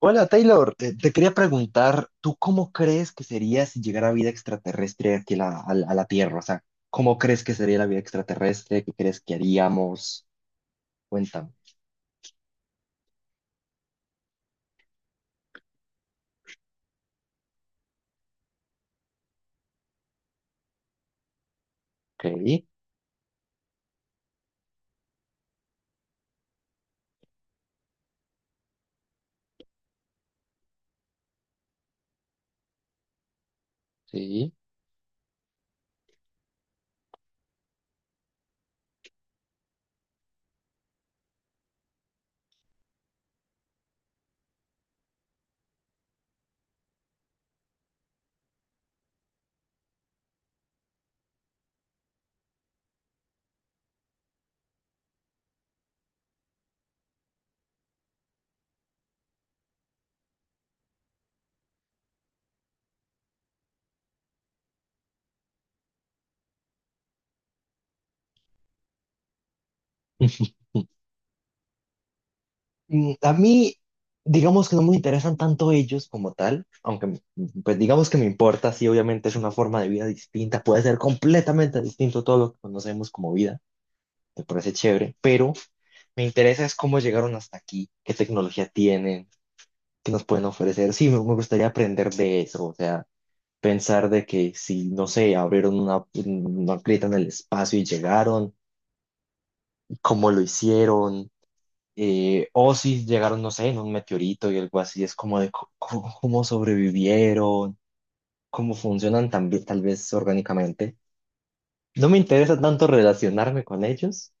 Hola Taylor, te quería preguntar, ¿tú cómo crees que sería si llegara vida extraterrestre aquí a la Tierra? O sea, ¿cómo crees que sería la vida extraterrestre? ¿Qué crees que haríamos? Cuéntame. Ok, sí. A mí, digamos que no me interesan tanto ellos como tal, pues digamos que me importa, sí, obviamente es una forma de vida distinta, puede ser completamente distinto a todo lo que conocemos como vida, me parece chévere, pero me interesa es cómo llegaron hasta aquí, qué tecnología tienen. Que nos pueden ofrecer. Sí, me gustaría aprender de eso, o sea, pensar de que si, no sé, abrieron una grieta en el espacio y llegaron, cómo lo hicieron, o si llegaron, no sé, en un meteorito y algo así, es como de cómo sobrevivieron, cómo funcionan también tal vez orgánicamente. No me interesa tanto relacionarme con ellos,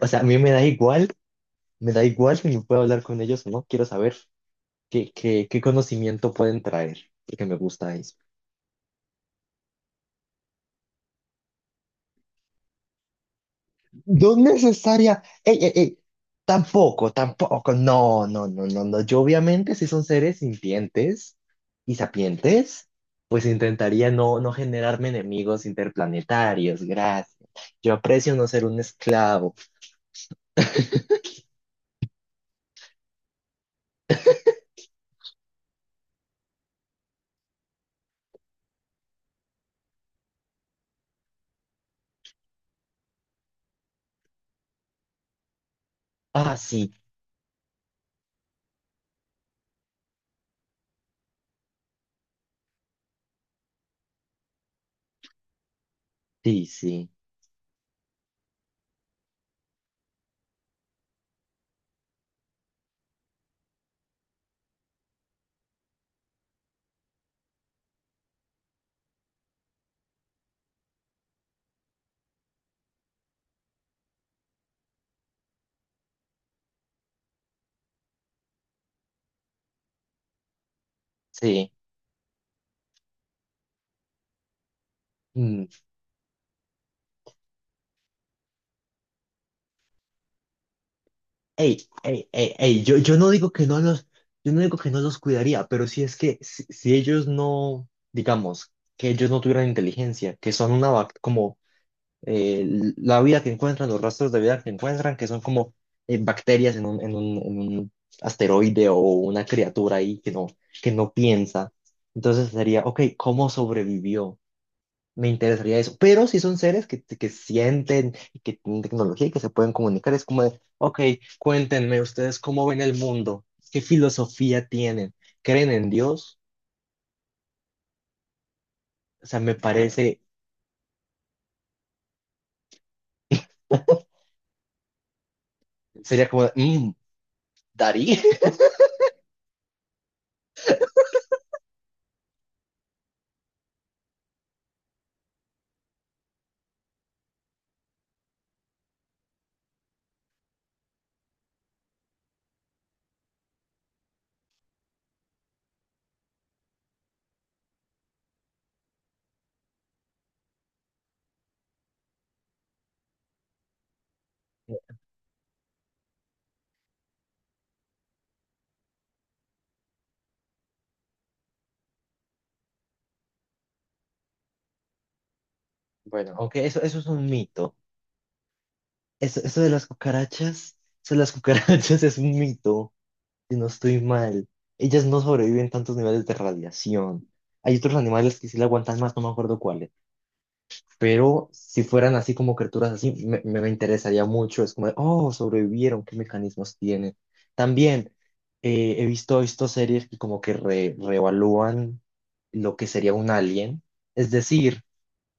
o sea, a mí me da igual si me puedo hablar con ellos o no, quiero saber qué conocimiento pueden traer, porque me gusta eso. No necesaria. Ey, ey, ey. Tampoco, tampoco. No, no, no, no, no. Yo obviamente si son seres sintientes y sapientes, pues intentaría no generarme enemigos interplanetarios. Gracias. Yo aprecio no ser un esclavo. Ah, sí, sí, sí, sí. Mm. Ey, ey, ey, ey. Yo no digo que no los, yo no digo que no los cuidaría, pero si es que si, si ellos no, digamos, que ellos no tuvieran inteligencia, que son una, bac- como eh, la vida que encuentran, los rastros de vida que encuentran, que son como bacterias en un asteroide o una criatura ahí que no piensa. Entonces sería, ok, ¿cómo sobrevivió? Me interesaría eso. Pero si son seres que sienten y que tienen tecnología y que se pueden comunicar, es como de, ok, cuéntenme ustedes cómo ven el mundo, qué filosofía tienen, creen en Dios. O sea, me parece, sería como, de, mm, Darí. Bueno, aunque eso es un mito. Eso de las cucarachas, eso de las cucarachas es un mito, si no estoy mal. Ellas no sobreviven tantos niveles de radiación. Hay otros animales que sí la aguantan más, no me acuerdo cuáles. Pero si fueran así como criaturas así, me interesaría mucho. Es como, de, oh, sobrevivieron, ¿qué mecanismos tienen? También he visto series que como que reevalúan lo que sería un alien. Es decir,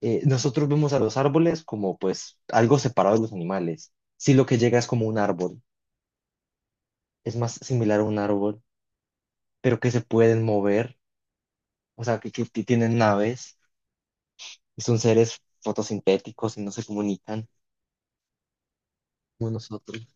nosotros vemos a los árboles como pues algo separado de los animales. Si lo que llega es como un árbol, es más similar a un árbol, pero que se pueden mover, o sea, que que tienen naves y son seres fotosintéticos y no se comunican como nosotros.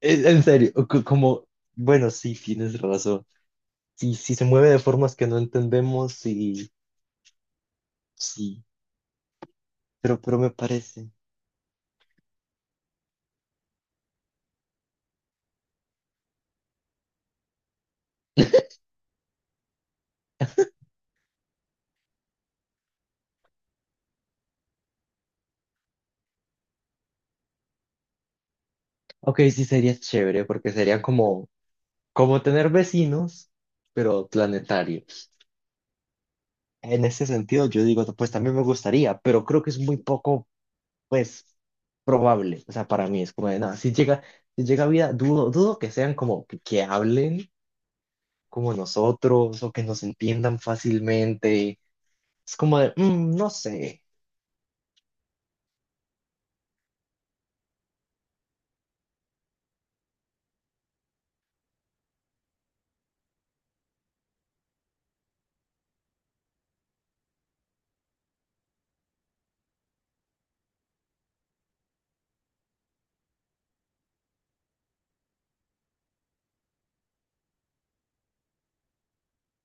En serio, o como, bueno, sí, tienes razón. Sí, sí se mueve de formas que no entendemos, sí, sí, pero me parece. Ok, sí sería chévere porque sería como, como tener vecinos, pero planetarios. En ese sentido, yo digo, pues también me gustaría, pero creo que es muy poco, pues, probable. O sea, para mí es como de nada. Si llega, si llega vida, dudo que sean como que hablen como nosotros o que nos entiendan fácilmente. Es como de, "Mm, no sé,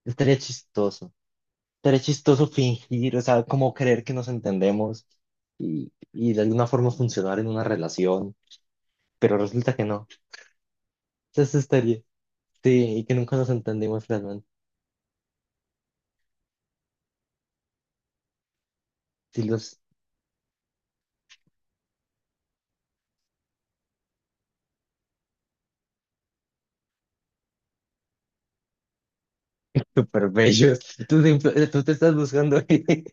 estaría chistoso. Estaría chistoso fingir, o sea, como creer que nos entendemos y de alguna forma funcionar en una relación, pero resulta que no. Entonces estaría, sí, y que nunca nos entendimos realmente. Sí, los Súper bellos. Tú te estás buscando. Y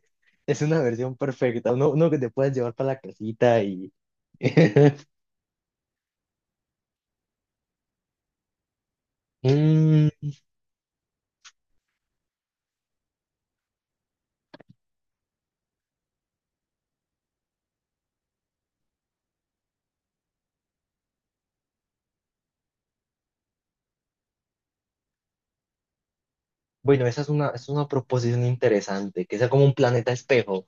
es una versión perfecta. Uno, uno que te puedas llevar para la casita y. Mm, bueno, esa es una proposición interesante. Que sea como un planeta espejo.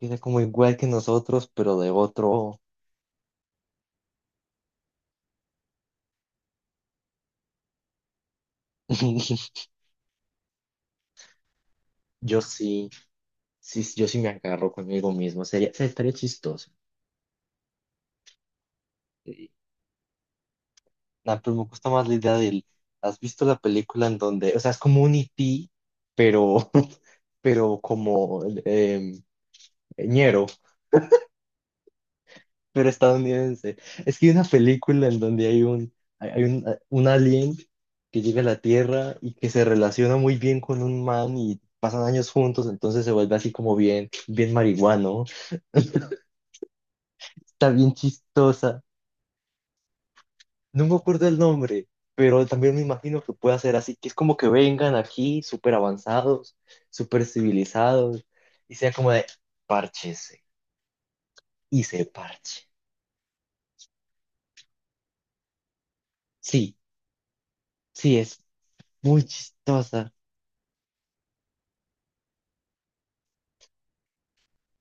Que sea como igual que nosotros, pero de otro. Yo sí, sí, yo sí me agarro conmigo mismo. Sería, estaría chistoso. Eh, nah, pero me gusta más la idea del. ¿Has visto la película en donde, o sea, es como un E.T., pero, pero como ñero, pero estadounidense. Es que hay una película en donde hay un, hay un alien que llega a la Tierra y que se relaciona muy bien con un man y pasan años juntos, entonces se vuelve así como bien, bien marihuano. Está bien chistosa. No me acuerdo el nombre, pero también me imagino que puede ser así, que es como que vengan aquí súper avanzados, súper civilizados y sea como de párchese y se parche. Sí, sí, es muy chistosa.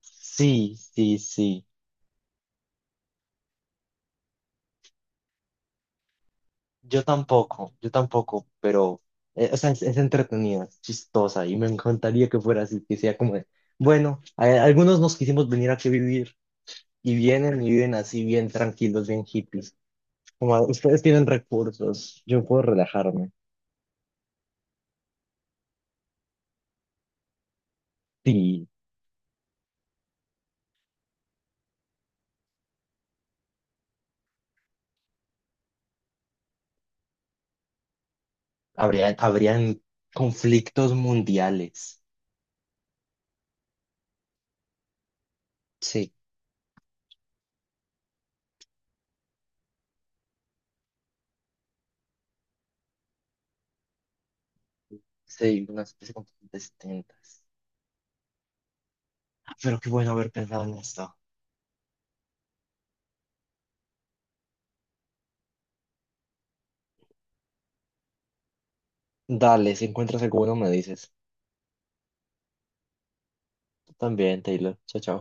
Sí, sí, sí. Yo tampoco, pero o sea, es entretenida, es chistosa y me encantaría que fuera así, que sea como de, bueno, algunos nos quisimos venir aquí a vivir y vienen y viven así bien tranquilos, bien hippies. Como ustedes tienen recursos, yo puedo relajarme. Sí, habría, habrían conflictos mundiales. Sí. Sí, una especie de conflictos distintas. Ah, pero qué bueno haber pensado en esto. Dale, si encuentras alguno, me dices. Tú también, Taylor. Chao, chao.